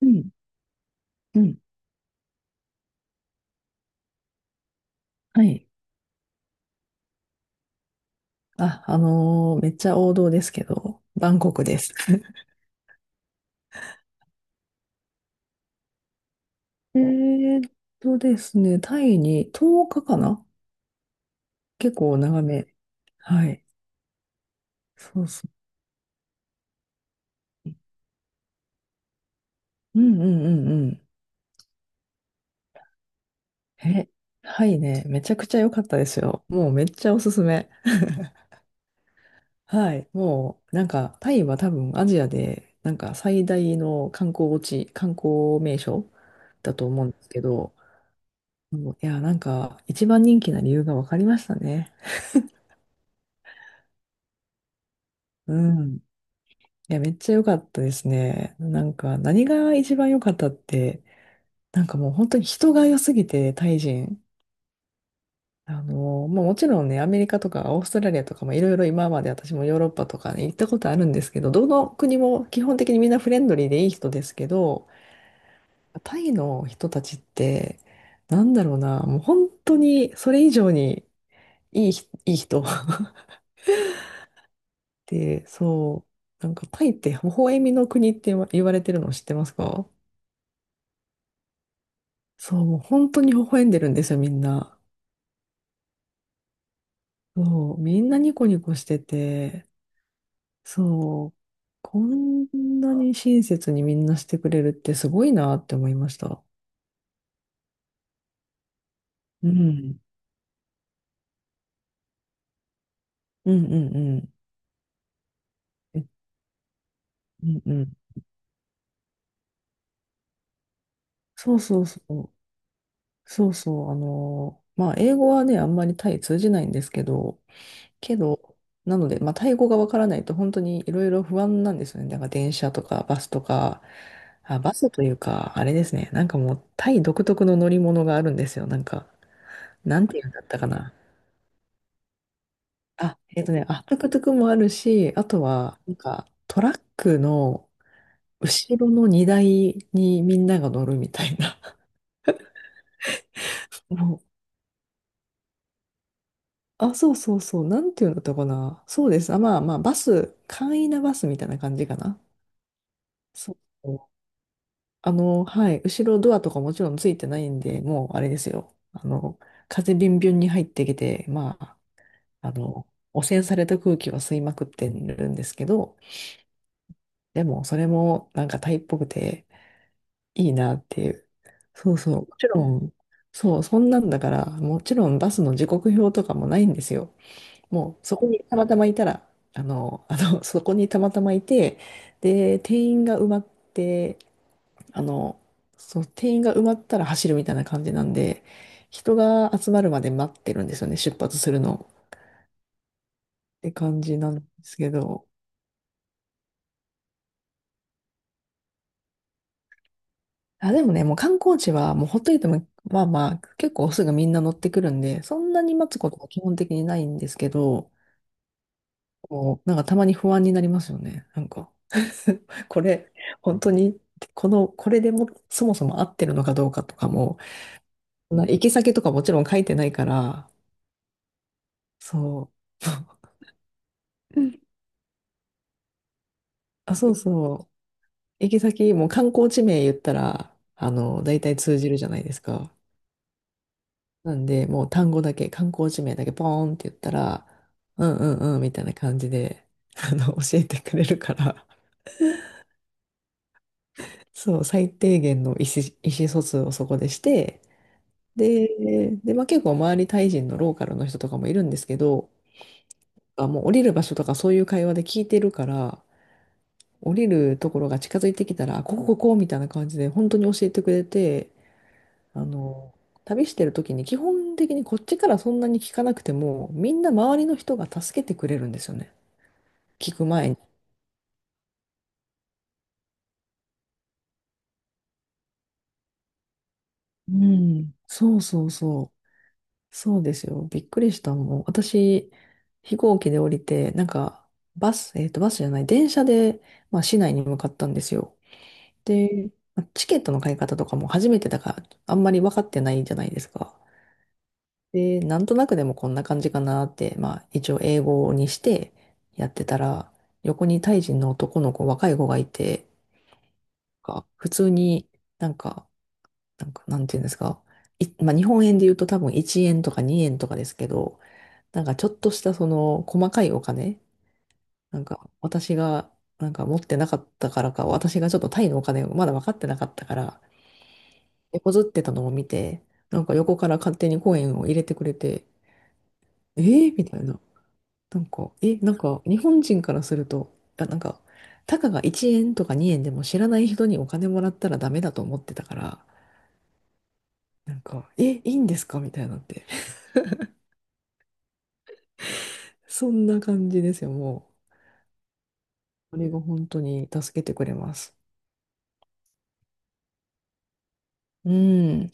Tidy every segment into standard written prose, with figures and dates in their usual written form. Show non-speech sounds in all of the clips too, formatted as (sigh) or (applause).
うん、うん、はい。めっちゃ王道ですけど、バンコクです。(laughs) えーっですね、タイに10日かかな、結構長め。はい。そうそう。うんうんうんうん。え、はいね、めちゃくちゃ良かったですよ。もうめっちゃおすすめ。はい。もう、なんか、タイは多分アジアで、最大の観光地、観光名所だと思うんですけど、もういや、なんか、一番人気な理由が分かりましたね。うん。いや、めっちゃ良かったですね。何が一番良かったって、もう本当に人が良すぎて、タイ人。まあもちろんね、アメリカとかオーストラリアとかもいろいろ今まで私もヨーロッパとかに行ったことあるんですけど、どの国も基本的にみんなフレンドリーでいい人ですけど、タイの人たちって、なんだろうな、もう本当にそれ以上にいい人。(laughs) で、そう、なんかタイって微笑みの国って言われてるの知ってますか？そう、もう本当に微笑んでるんですよ、みんな。そう、みんなニコニコしてて、そう、こんなに親切にみんなしてくれるってすごいなって思いました。うん。うんうんうん。えうんうん。そうそうそう。そうそう。まあ、英語はね、あんまりタイ通じないんですけど、けど、なので、まあ、タイ語がわからないと本当にいろいろ不安なんですよね。だから電車とかバスとか、あ、バスというか、あれですね。もうタイ独特の乗り物があるんですよ。なんていうんだったかな。あ、えっとね、あ、トゥクトゥクもあるし、あとは、なんかトラックの後ろの荷台にみんなが乗るみたいな。(laughs) もう、あ、そうそうそう。なんていうんだったかな。そうです。あ、まあまあ、バス、簡易なバスみたいな感じかな。そう。あの、はい、後ろドアとかもちろんついてないんで、もうあれですよ。風ビュンビュンに入ってきて、まあ、あの、汚染された空気は吸いまくってるんですけど、でもそれもなんかタイっぽくていいなっていう。そうそう。もちろん、そう、そんなんだから、もちろんバスの時刻表とかもないんですよ。もうそこにたまたまいたら、(laughs) そこにたまたまいて、で、て、あの、そう、定員が埋まったら走るみたいな感じなんで、人が集まるまで待ってるんですよね、出発するのを。って感じなんですけど。あ、でもね、もう観光地はもうほっといても、まあまあ、結構すぐみんな乗ってくるんで、そんなに待つことは基本的にないんですけど、もう、なんかたまに不安になりますよね。なんか (laughs) これ、本当に、この、これでも、そもそも合ってるのかどうかとかも、そんな行き先とかもちろん書いてないから、そう。うん (laughs) あ、そうそう。行き先、もう観光地名言ったら、あの、大体通じるじゃないですか。なんで、もう単語だけ、観光地名だけポーンって言ったら、うんうんうんみたいな感じで、あの、教えてくれるから、そう、最低限の意思疎通をそこでして、で、まあ、結構周りタイ人のローカルの人とかもいるんですけど、あ、もう降りる場所とかそういう会話で聞いてるから、降りるところが近づいてきたら、あここここみたいな感じで本当に教えてくれて、あの、旅してる時に基本的にこっちからそんなに聞かなくても、みんな周りの人が助けてくれるんですよね。聞く前に。うん。そうそうそう。そうですよ。びっくりしたもん。私、飛行機で降りて、なんか、バス、えっと、バスじゃない、電車で、まあ、市内に向かったんですよ。で、まあチケットの買い方とかも初めてだから、あんまり分かってないじゃないですか。で、なんとなくでもこんな感じかなって、まあ、一応英語にしてやってたら、横にタイ人の男の子、若い子がいて、が普通になんか、なんていうんですか。い、まあ、日本円で言うと多分1円とか2円とかですけど、なんかちょっとしたその細かいお金、なんか私がなんか持ってなかったからか、私がちょっとタイのお金をまだ分かってなかったから、手こずってたのを見て、なんか横から勝手にコインを入れてくれて、えー、みたいな。なんか日本人からすると、あ、なんか、たかが1円とか2円でも知らない人にお金もらったらダメだと思ってたから、なんか、え、いいんですかみたいなって。(laughs) そんな感じですよ、もう。あれが本当に助けてくれます。うん。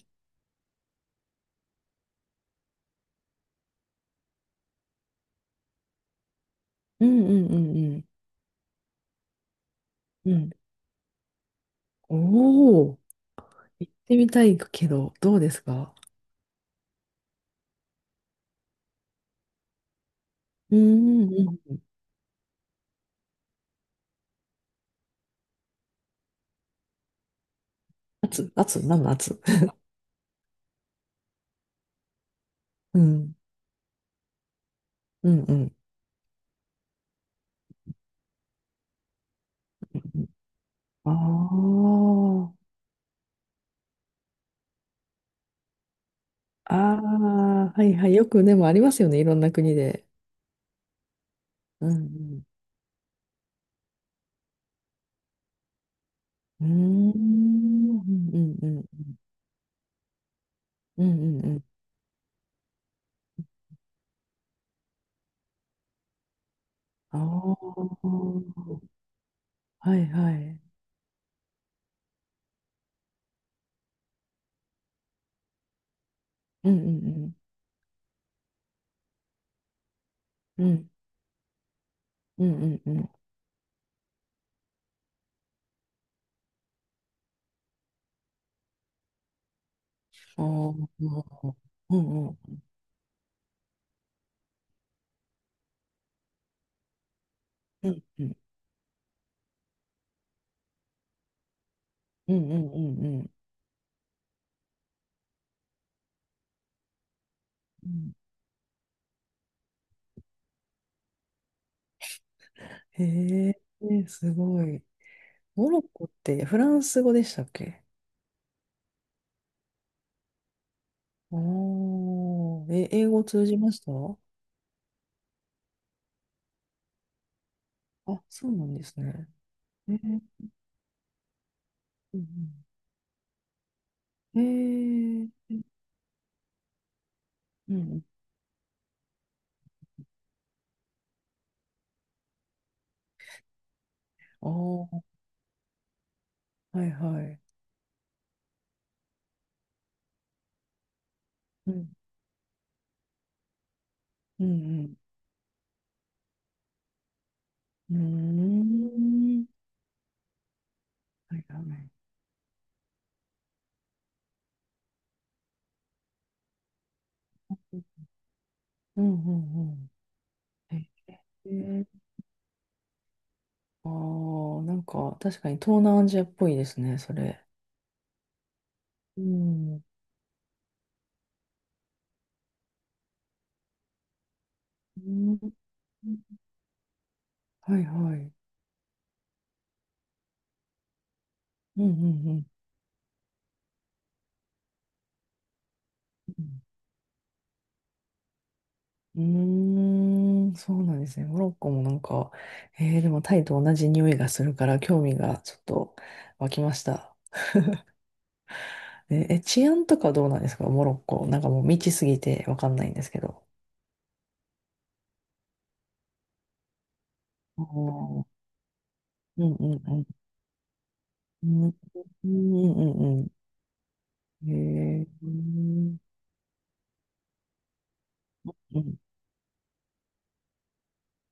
うんうんうんうん。うん。おお、行ってみたいけど、どうですか？うんうんうん。圧、何の圧？うん。うんうん。うん、ああ。ああ、はいはい。よくでもありますよね。いろんな国で。うんうん。うーん。うんうんうん。うんうんうん。ああ。はいはい。うんうんうん。うんうんうんうん。ああ。うんうんうん。うんうんうんうんうんうん。へえ、すごい。モロッコってフランス語でしたっけ？おー、え、英語通じました？あ、そうなんですね。えー、うんうん。えー、うん。ああ、はいはい。うん、うん、うん。うーん。はいはい。うん、うん、うん。えー、あー、なんか確かに東南アジアっぽいですね、それ。うん。うん、はいはい。うん、うん、うん。うーん、そうなんですね。モロッコもなんか、えーでもタイと同じ匂いがするから興味がちょっと湧きました。え、え、治安とかどうなんですかモロッコ？なんかもう未知すぎてわかんないんですけど。おー、うんうんうん。うんうんうんうん。へえ。うん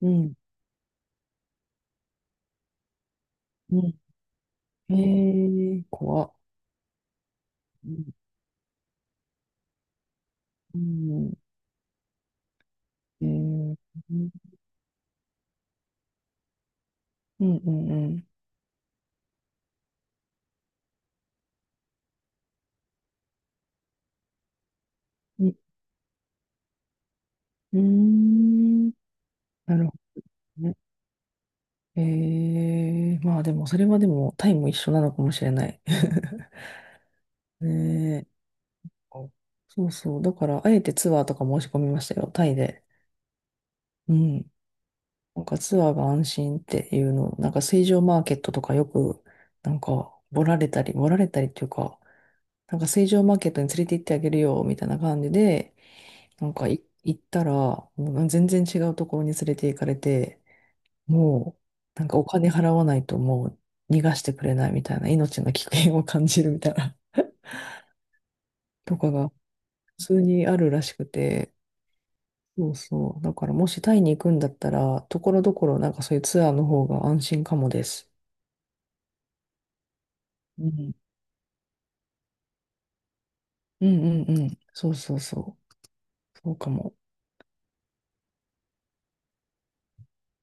うんうん。へえ、怖っ。うんうん、へえ、うんうんうん。うん、うーん、なるほどね。ええ、まあでも、それはでも、タイも一緒なのかもしれない。(laughs) ねえ。そうそう。だから、あえてツアーとか申し込みましたよ、タイで。うん。なんかツアーが安心っていうの、なんか水上マーケットとかよく、なんか、ボラれたりっていうか、なんか水上マーケットに連れて行ってあげるよ、みたいな感じで、なんか行ったら、もう全然違うところに連れて行かれて、もう、なんかお金払わないともう逃がしてくれないみたいな、命の危険を感じるみたいな、(laughs) とかが普通にあるらしくて、そうそう。だからもしタイに行くんだったら、ところどころなんかそういうツアーの方が安心かもです。うん。うんうんうん。そうそうそう。そうかも。